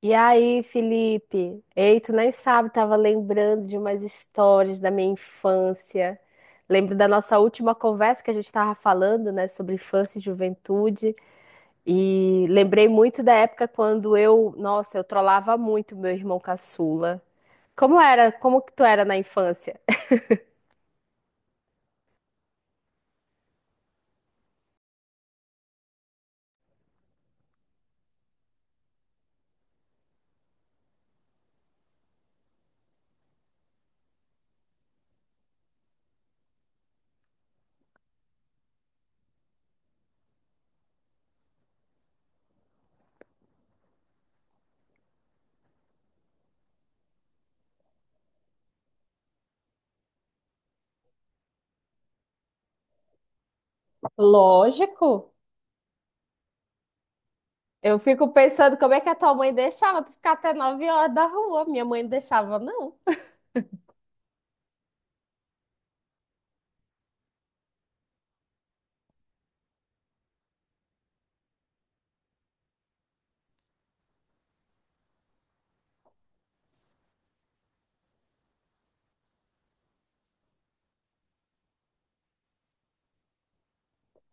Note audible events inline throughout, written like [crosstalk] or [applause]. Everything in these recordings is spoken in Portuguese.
E aí, Felipe? Ei, tu nem sabe, tava lembrando de umas histórias da minha infância. Lembro da nossa última conversa que a gente tava falando, né, sobre infância e juventude. E lembrei muito da época quando eu, nossa, eu trollava muito meu irmão caçula. Como era? Como que tu era na infância? Lógico. Eu fico pensando como é que a tua mãe deixava tu ficar até 9 horas da rua. Minha mãe não deixava, não.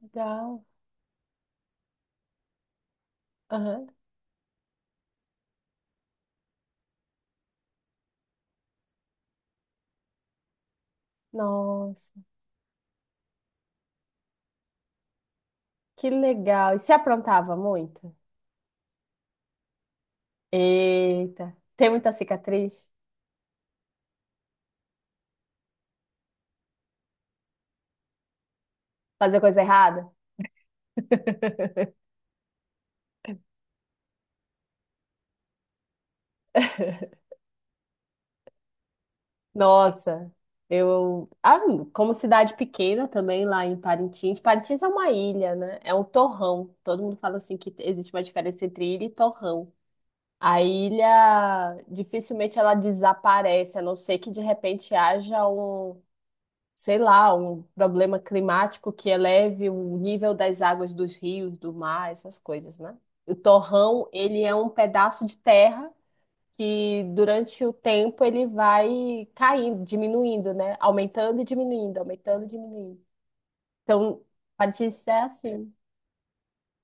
Legal. Aham. Nossa. Que legal. E se aprontava muito? Eita, tem muita cicatriz? Fazer coisa errada? [laughs] Nossa, eu. Ah, como cidade pequena também, lá em Parintins. Parintins é uma ilha, né? É um torrão. Todo mundo fala assim que existe uma diferença entre ilha e torrão. A ilha dificilmente ela desaparece, a não ser que de repente haja um, sei lá, um problema climático que eleve o nível das águas dos rios, do mar, essas coisas, né? O torrão, ele é um pedaço de terra que durante o tempo ele vai caindo, diminuindo, né? Aumentando e diminuindo, aumentando e diminuindo. Então, a notícia é assim.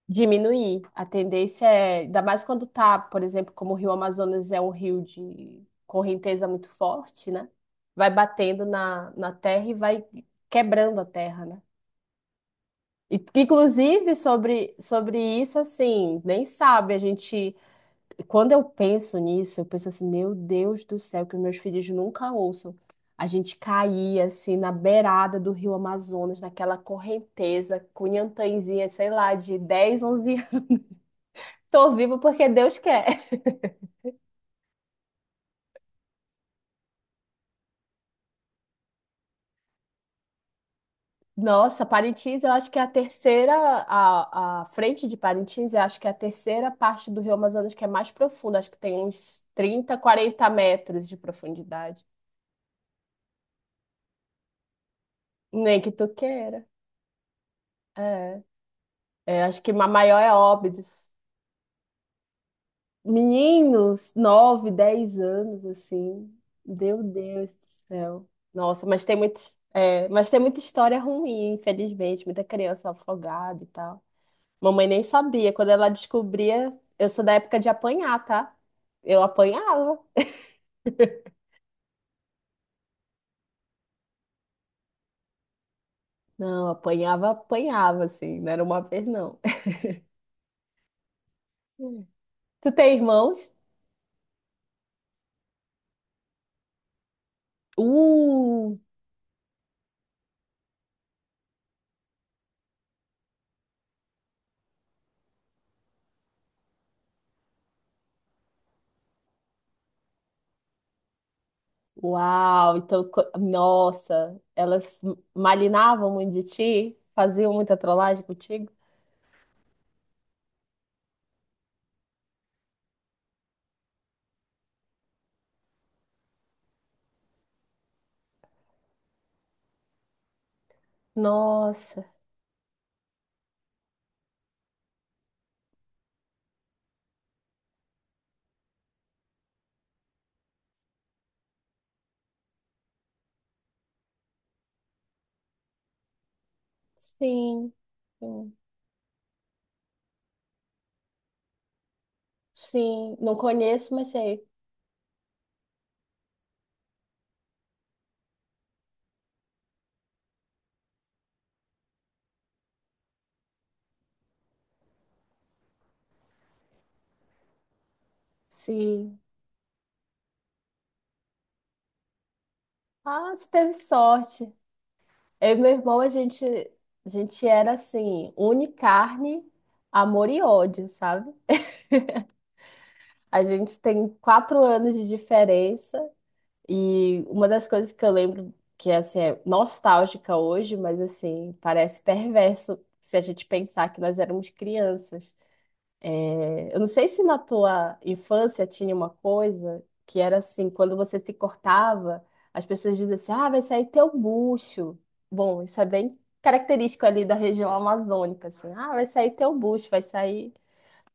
Diminuir. A tendência é, ainda mais quando tá, por exemplo, como o Rio Amazonas é um rio de correnteza muito forte, né? Vai batendo na terra e vai quebrando a terra, né? E inclusive, sobre isso, assim, nem sabe, a gente... Quando eu penso nisso, eu penso assim, meu Deus do céu, que os meus filhos nunca ouçam. A gente caía, assim, na beirada do rio Amazonas, naquela correnteza, com inhantãzinha, sei lá, de 10 ou 11 anos. [laughs] Tô vivo porque Deus quer. Nossa, Parintins, eu acho que é a terceira... A frente de Parintins, eu acho que é a terceira parte do rio Amazonas que é mais profunda. Acho que tem uns 30 ou 40 metros de profundidade. Nem que tu queira. É. É, acho que a maior é Óbidos. Meninos, 9 ou 10 anos, assim. Meu Deus do céu. Nossa, mas tem muito, é, mas tem muita história ruim, infelizmente. Muita criança afogada e tal. Mamãe nem sabia. Quando ela descobria, eu sou da época de apanhar, tá? Eu apanhava. Não, apanhava, apanhava, assim. Não era uma vez, não. [laughs] Tu tem irmãos? Uh! Uau, então, co- nossa, elas malinavam muito de ti? Faziam muita trollagem contigo? Nossa, sim, sim, sim. Não conheço, mas sei. Sim. Ah, você teve sorte. Eu e meu irmão, a gente era assim, une carne, amor e ódio, sabe? A gente tem 4 anos de diferença. E uma das coisas que eu lembro que assim, é nostálgica hoje, mas assim, parece perverso se a gente pensar que nós éramos crianças. É, eu não sei se na tua infância tinha uma coisa que era assim, quando você se cortava, as pessoas diziam assim, ah, vai sair teu bucho. Bom, isso é bem característico ali da região amazônica, assim, ah, vai sair teu bucho, vai sair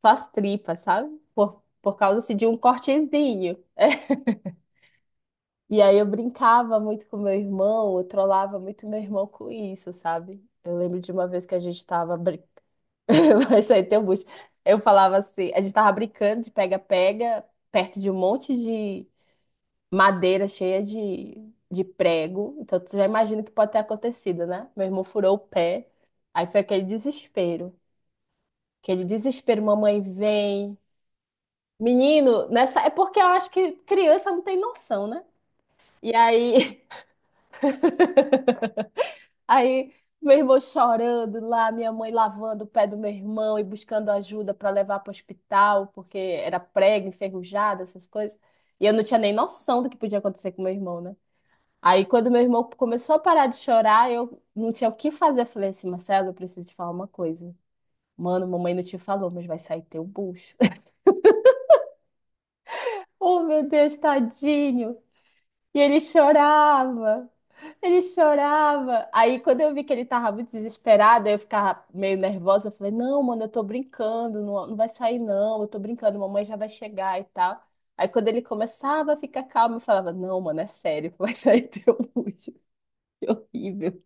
tuas tripas, sabe? Por causa assim, de um cortezinho. E aí eu brincava muito com meu irmão, eu trollava muito meu irmão com isso, sabe? Eu lembro de uma vez que a gente tava brin... [laughs] Isso aí tem um bucho. Eu falava assim, a gente tava brincando de pega-pega perto de um monte de madeira cheia de prego. Então tu já imagina o que pode ter acontecido, né? Meu irmão furou o pé. Aí foi aquele desespero. Aquele desespero, mamãe vem. Menino, nessa é porque eu acho que criança não tem noção, né? E aí Aí meu irmão chorando lá, minha mãe lavando o pé do meu irmão e buscando ajuda para levar para o hospital, porque era prego, enferrujado, essas coisas. E eu não tinha nem noção do que podia acontecer com meu irmão, né? Aí quando meu irmão começou a parar de chorar, eu não tinha o que fazer. Eu falei assim, Marcelo, eu preciso te falar uma coisa. Mano, mamãe não te falou, mas vai sair teu bucho. [laughs] Oh, meu Deus, tadinho. E ele chorava. Ele chorava. Aí, quando eu vi que ele tava muito desesperado, aí eu ficava meio nervosa. Eu falei: Não, mano, eu tô brincando, não, não vai sair, não. Eu tô brincando, mamãe já vai chegar e tal. Aí, quando ele começava a ficar calmo, eu falava: Não, mano, é sério, [laughs] vai sair teu útero. Que horrível.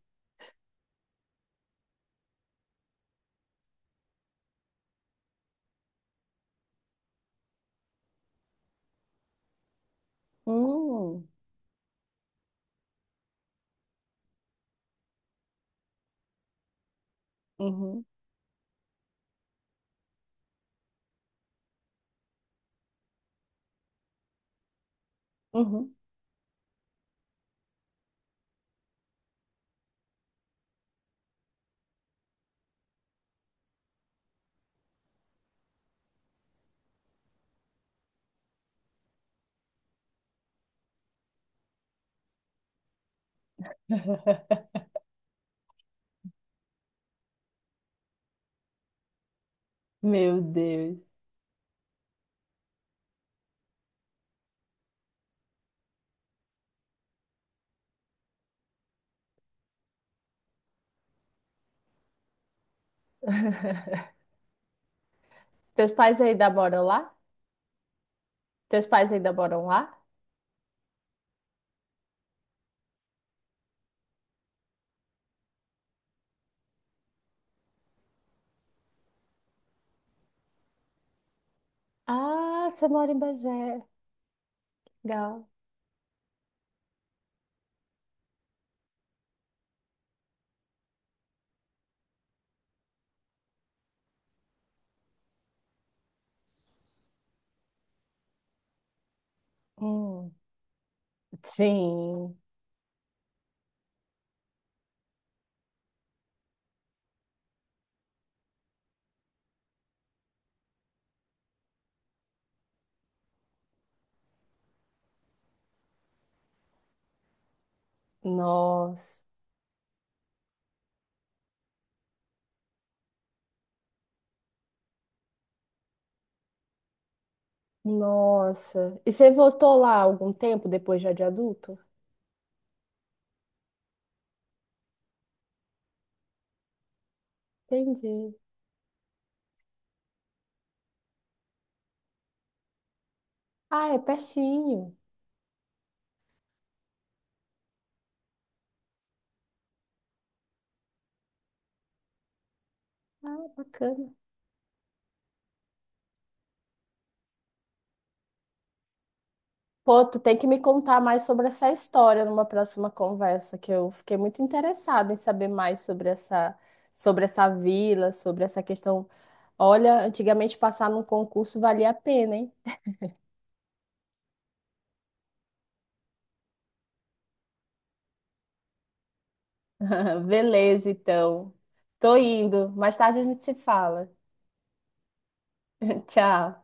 Hum, uhum, uhum. [laughs] Meu Deus. Teus pais ainda moram lá? Teus pais ainda moram lá? Ah, você mora em Bagé. Legal. Hum, sim. Nossa. Nossa. E você voltou lá algum tempo depois já de adulto? Entendi. Ah, é pertinho. Ah, bacana. Pô, tu tem que me contar mais sobre essa história numa próxima conversa, que eu fiquei muito interessada em saber mais sobre essa vila, sobre essa questão. Olha, antigamente passar num concurso valia a pena, hein? [laughs] Beleza, então. Tô indo. Mais tarde a gente se fala. [laughs] Tchau.